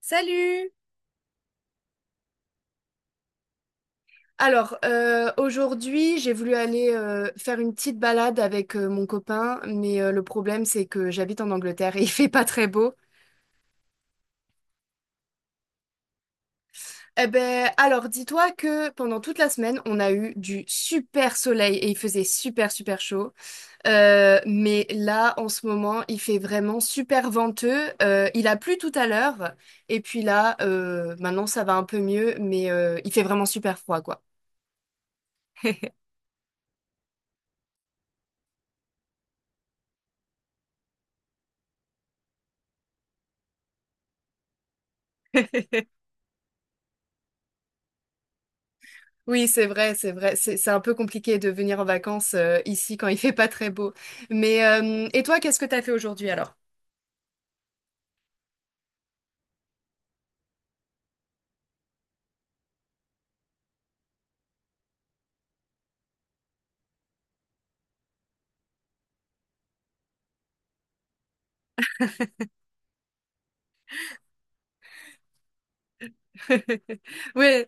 Salut! Aujourd'hui, j'ai voulu aller faire une petite balade avec mon copain, mais le problème, c'est que j'habite en Angleterre et il fait pas très beau. Eh ben, alors, dis-toi que pendant toute la semaine, on a eu du super soleil et il faisait super, super chaud. Mais là, en ce moment, il fait vraiment super venteux. Il a plu tout à l'heure et puis là, maintenant, ça va un peu mieux, mais il fait vraiment super froid, quoi. Oui, c'est vrai, c'est vrai. C'est un peu compliqué de venir en vacances ici quand il fait pas très beau. Mais et toi, qu'est-ce que t'as fait aujourd'hui alors? Oui,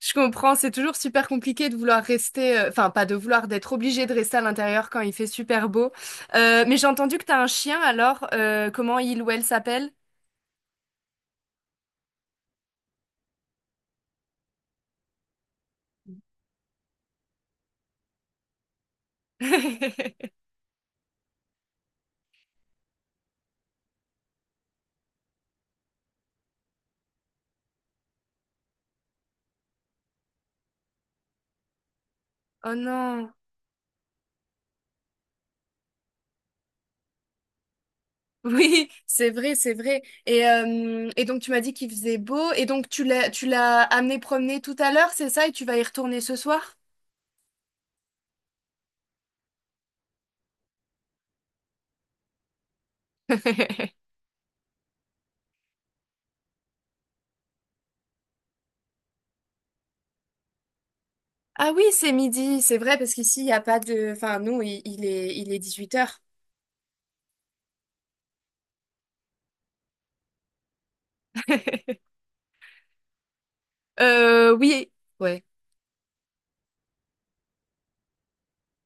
je comprends. C'est toujours super compliqué de vouloir rester, enfin pas de vouloir, d'être obligé de rester à l'intérieur quand il fait super beau. Mais j'ai entendu que t'as un chien. Alors, comment il ou elle s'appelle? Oh non. Oui, c'est vrai, c'est vrai. Et donc tu m'as dit qu'il faisait beau et donc tu l'as amené promener tout à l'heure, c'est ça? Et tu vas y retourner ce soir? Ah oui, c'est midi, c'est vrai, parce qu'ici, il n'y a pas de... Enfin, nous, il est 18 heures. Oui, ouais.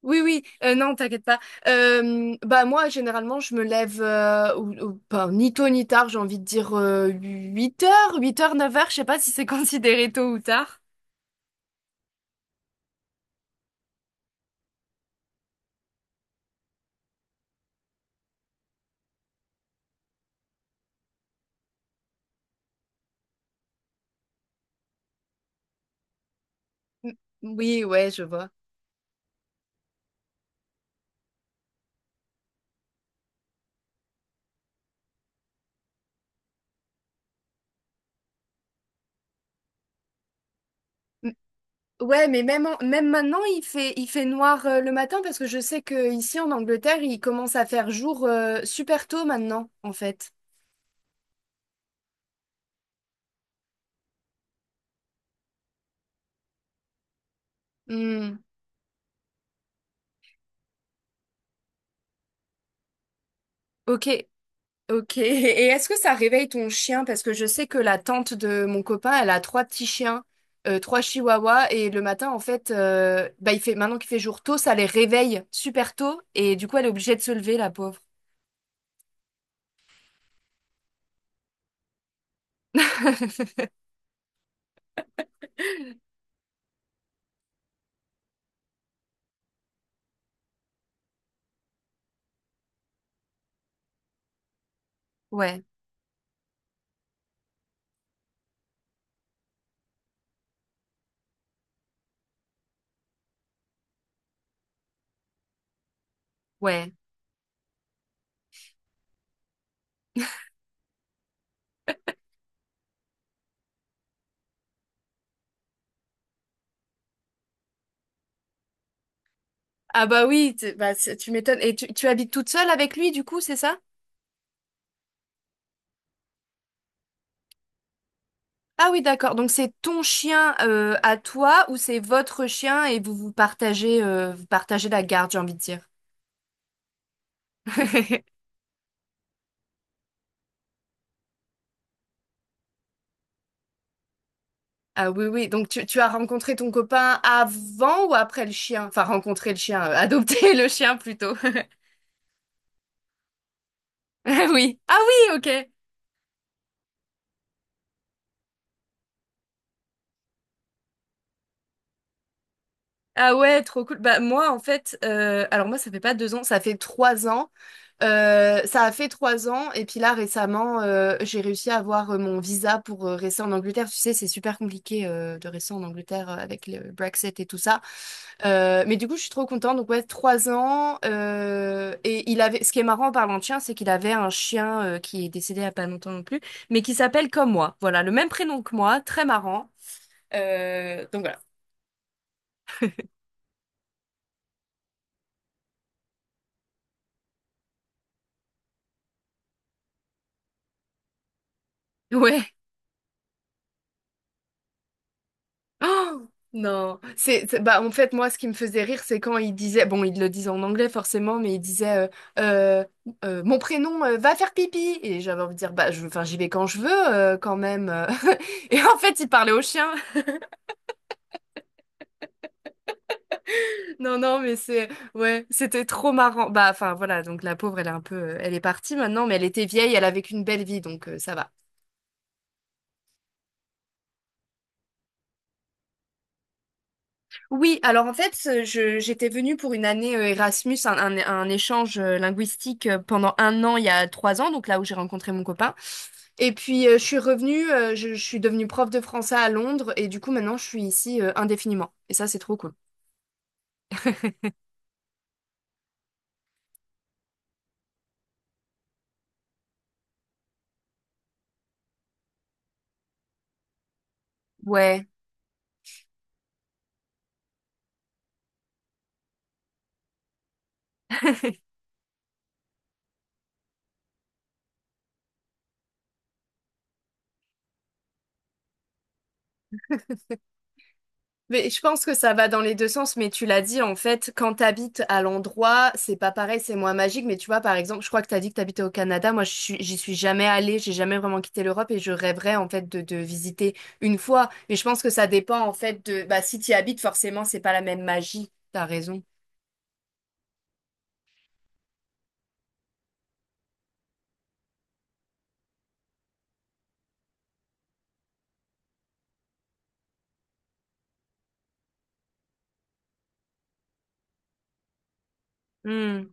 Oui, oui, non, t'inquiète pas. Bah moi, généralement, je me lève ou pas, ni tôt ni tard, j'ai envie de dire 8 heures 8 heures 9 heures je sais pas si c'est considéré tôt ou tard. M- Oui, ouais, je vois. M- Ouais, mais même, en- même maintenant, il fait noir le matin parce que je sais que ici en Angleterre, il commence à faire jour super tôt maintenant, en fait. Hmm, ok, ok. Et est-ce que ça réveille ton chien? Parce que je sais que la tante de mon copain, elle a 3 petits chiens, 3 chihuahuas, et le matin, en fait, bah, il fait, maintenant qu'il fait jour tôt, ça les réveille super tôt, et du coup, elle est obligée de se lever, la pauvre. Ouais, ouais. Ah bah oui, t- bah, c'est- tu m'étonnes. Et tu habites toute seule avec lui, du coup, c'est ça? Ah oui, d'accord. Donc c'est ton chien à toi ou c'est votre chien et vous vous partagez la garde, j'ai envie de dire. Ah oui, oui. Donc tu as rencontré ton copain avant ou après le chien? Enfin, rencontré le chien, adopté le chien plutôt. Ah oui. Ah oui, ok. Ah ouais, trop cool. Bah moi, en fait, alors moi, ça fait pas 2 ans, ça fait 3 ans. Ça a fait 3 ans. Et puis là, récemment, j'ai réussi à avoir mon visa pour rester en Angleterre. Tu sais, c'est super compliqué de rester en Angleterre avec le Brexit et tout ça. Mais du coup, je suis trop contente. Donc, ouais, 3 ans. Et il avait, ce qui est marrant en parlant de chien, c'est qu'il avait un chien qui est décédé il y a pas longtemps non plus, mais qui s'appelle comme moi. Voilà, le même prénom que moi. Très marrant. Donc, voilà. Ouais. Oh, non. C'est- bah, en fait, moi, ce qui me faisait rire, c'est quand il disait, bon, il le disait en anglais forcément, mais il disait, euh, mon prénom, va faire pipi. Et j'avais envie de dire, bah, je, enfin, j'y vais quand je veux, quand même. Et en fait, il parlait au chien. Non, non, mais c'est, ouais, c'était trop marrant. Bah, enfin, voilà, donc la pauvre, elle est un peu, elle est partie maintenant, mais elle était vieille, elle a vécu une belle vie, donc ça va. Oui, alors en fait, je, j'étais venue pour 1 année Erasmus, un échange linguistique pendant 1 an, il y a 3 ans, donc là où j'ai rencontré mon copain. Et puis, je suis revenue, je suis devenue prof de français à Londres, et du coup, maintenant, je suis ici indéfiniment. Et ça, c'est trop cool. Ouais. Mais je pense que ça va dans les deux sens, mais tu l'as dit, en fait, quand t'habites à l'endroit, c'est pas pareil, c'est moins magique, mais tu vois, par exemple, je crois que t'as dit que t'habitais au Canada, moi, je suis- j'y suis jamais allée, j'ai jamais vraiment quitté l'Europe et je rêverais, en fait, de visiter une fois, mais je pense que ça dépend, en fait, de, bah, si t'y habites, forcément, c'est pas la même magie, t'as raison. Hmm.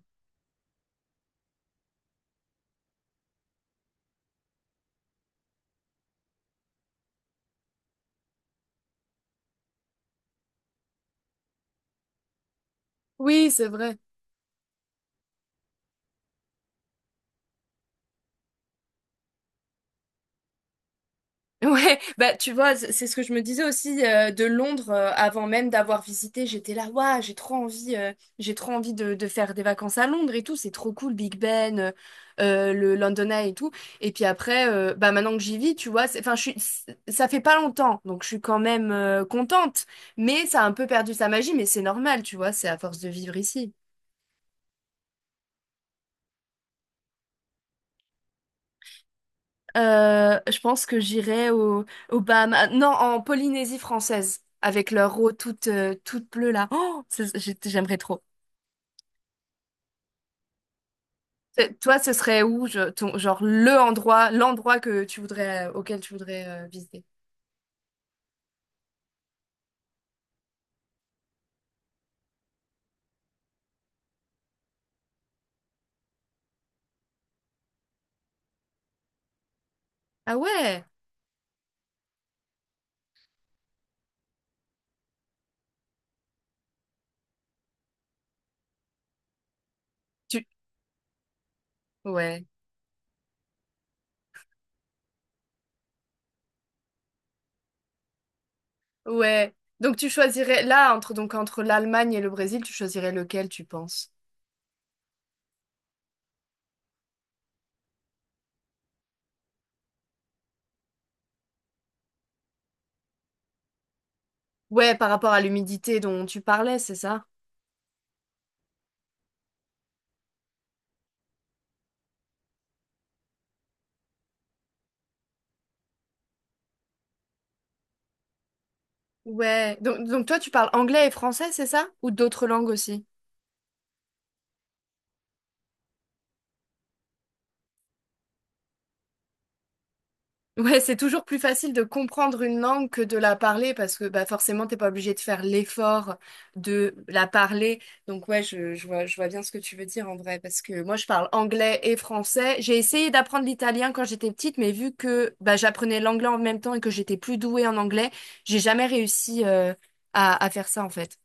Oui, c'est vrai. Ouais, bah tu vois, c- c'est ce que je me disais aussi de Londres avant même d'avoir visité. J'étais là, waouh, j'ai trop envie de faire des vacances à Londres et tout. C'est trop cool, Big Ben, le London Eye et tout. Et puis après, bah maintenant que j'y vis, tu vois, c'est- enfin, je suis, c'est- ça fait pas longtemps, donc je suis quand même contente. Mais ça a un peu perdu sa magie, mais c'est normal, tu vois, c'est à force de vivre ici. Je pense que j'irai au, aux Bahamas. Ah, non, en Polynésie française, avec leur eau toute, toute bleue là. Oh, c'est- j'ai- j'aimerais trop. Toi, ce serait où, je- ton- genre le endroit, l'endroit que tu voudrais, auquel tu voudrais visiter? Ah ouais, tu, ouais, ouais. Donc tu choisirais là entre donc entre l'Allemagne et le Brésil, tu choisirais lequel tu penses? Ouais, par rapport à l'humidité dont tu parlais, c'est ça? Ouais. Donc toi, tu parles anglais et français, c'est ça? Ou d'autres langues aussi? Ouais, c'est toujours plus facile de comprendre une langue que de la parler parce que bah, forcément, t'es pas obligé de faire l'effort de la parler. Donc ouais, je vois bien ce que tu veux dire en vrai parce que moi, je parle anglais et français. J'ai essayé d'apprendre l'italien quand j'étais petite, mais vu que bah, j'apprenais l'anglais en même temps et que j'étais plus douée en anglais, j'ai jamais réussi à faire ça en fait.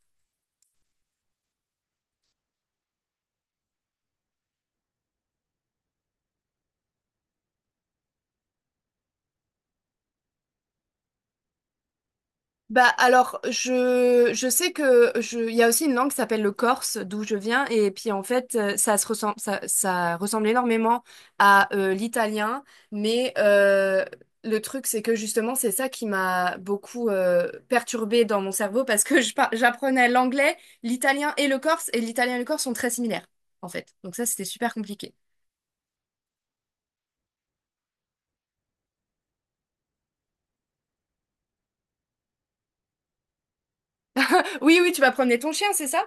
Bah alors, je sais que je, il y a aussi une langue qui s'appelle le corse, d'où je viens, et puis en fait, ça se ressemble, ça ressemble énormément à l'italien, mais le truc, c'est que justement, c'est ça qui m'a beaucoup perturbée dans mon cerveau parce que je par- j'apprenais l'anglais, l'italien et le corse, et l'italien et le corse sont très similaires, en fait. Donc ça, c'était super compliqué. Oui, oui, tu vas promener ton chien, c'est ça?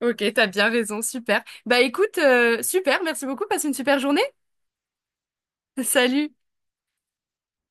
Ok, t'as bien raison, super. Bah écoute, super, merci beaucoup, passe une super journée. Salut!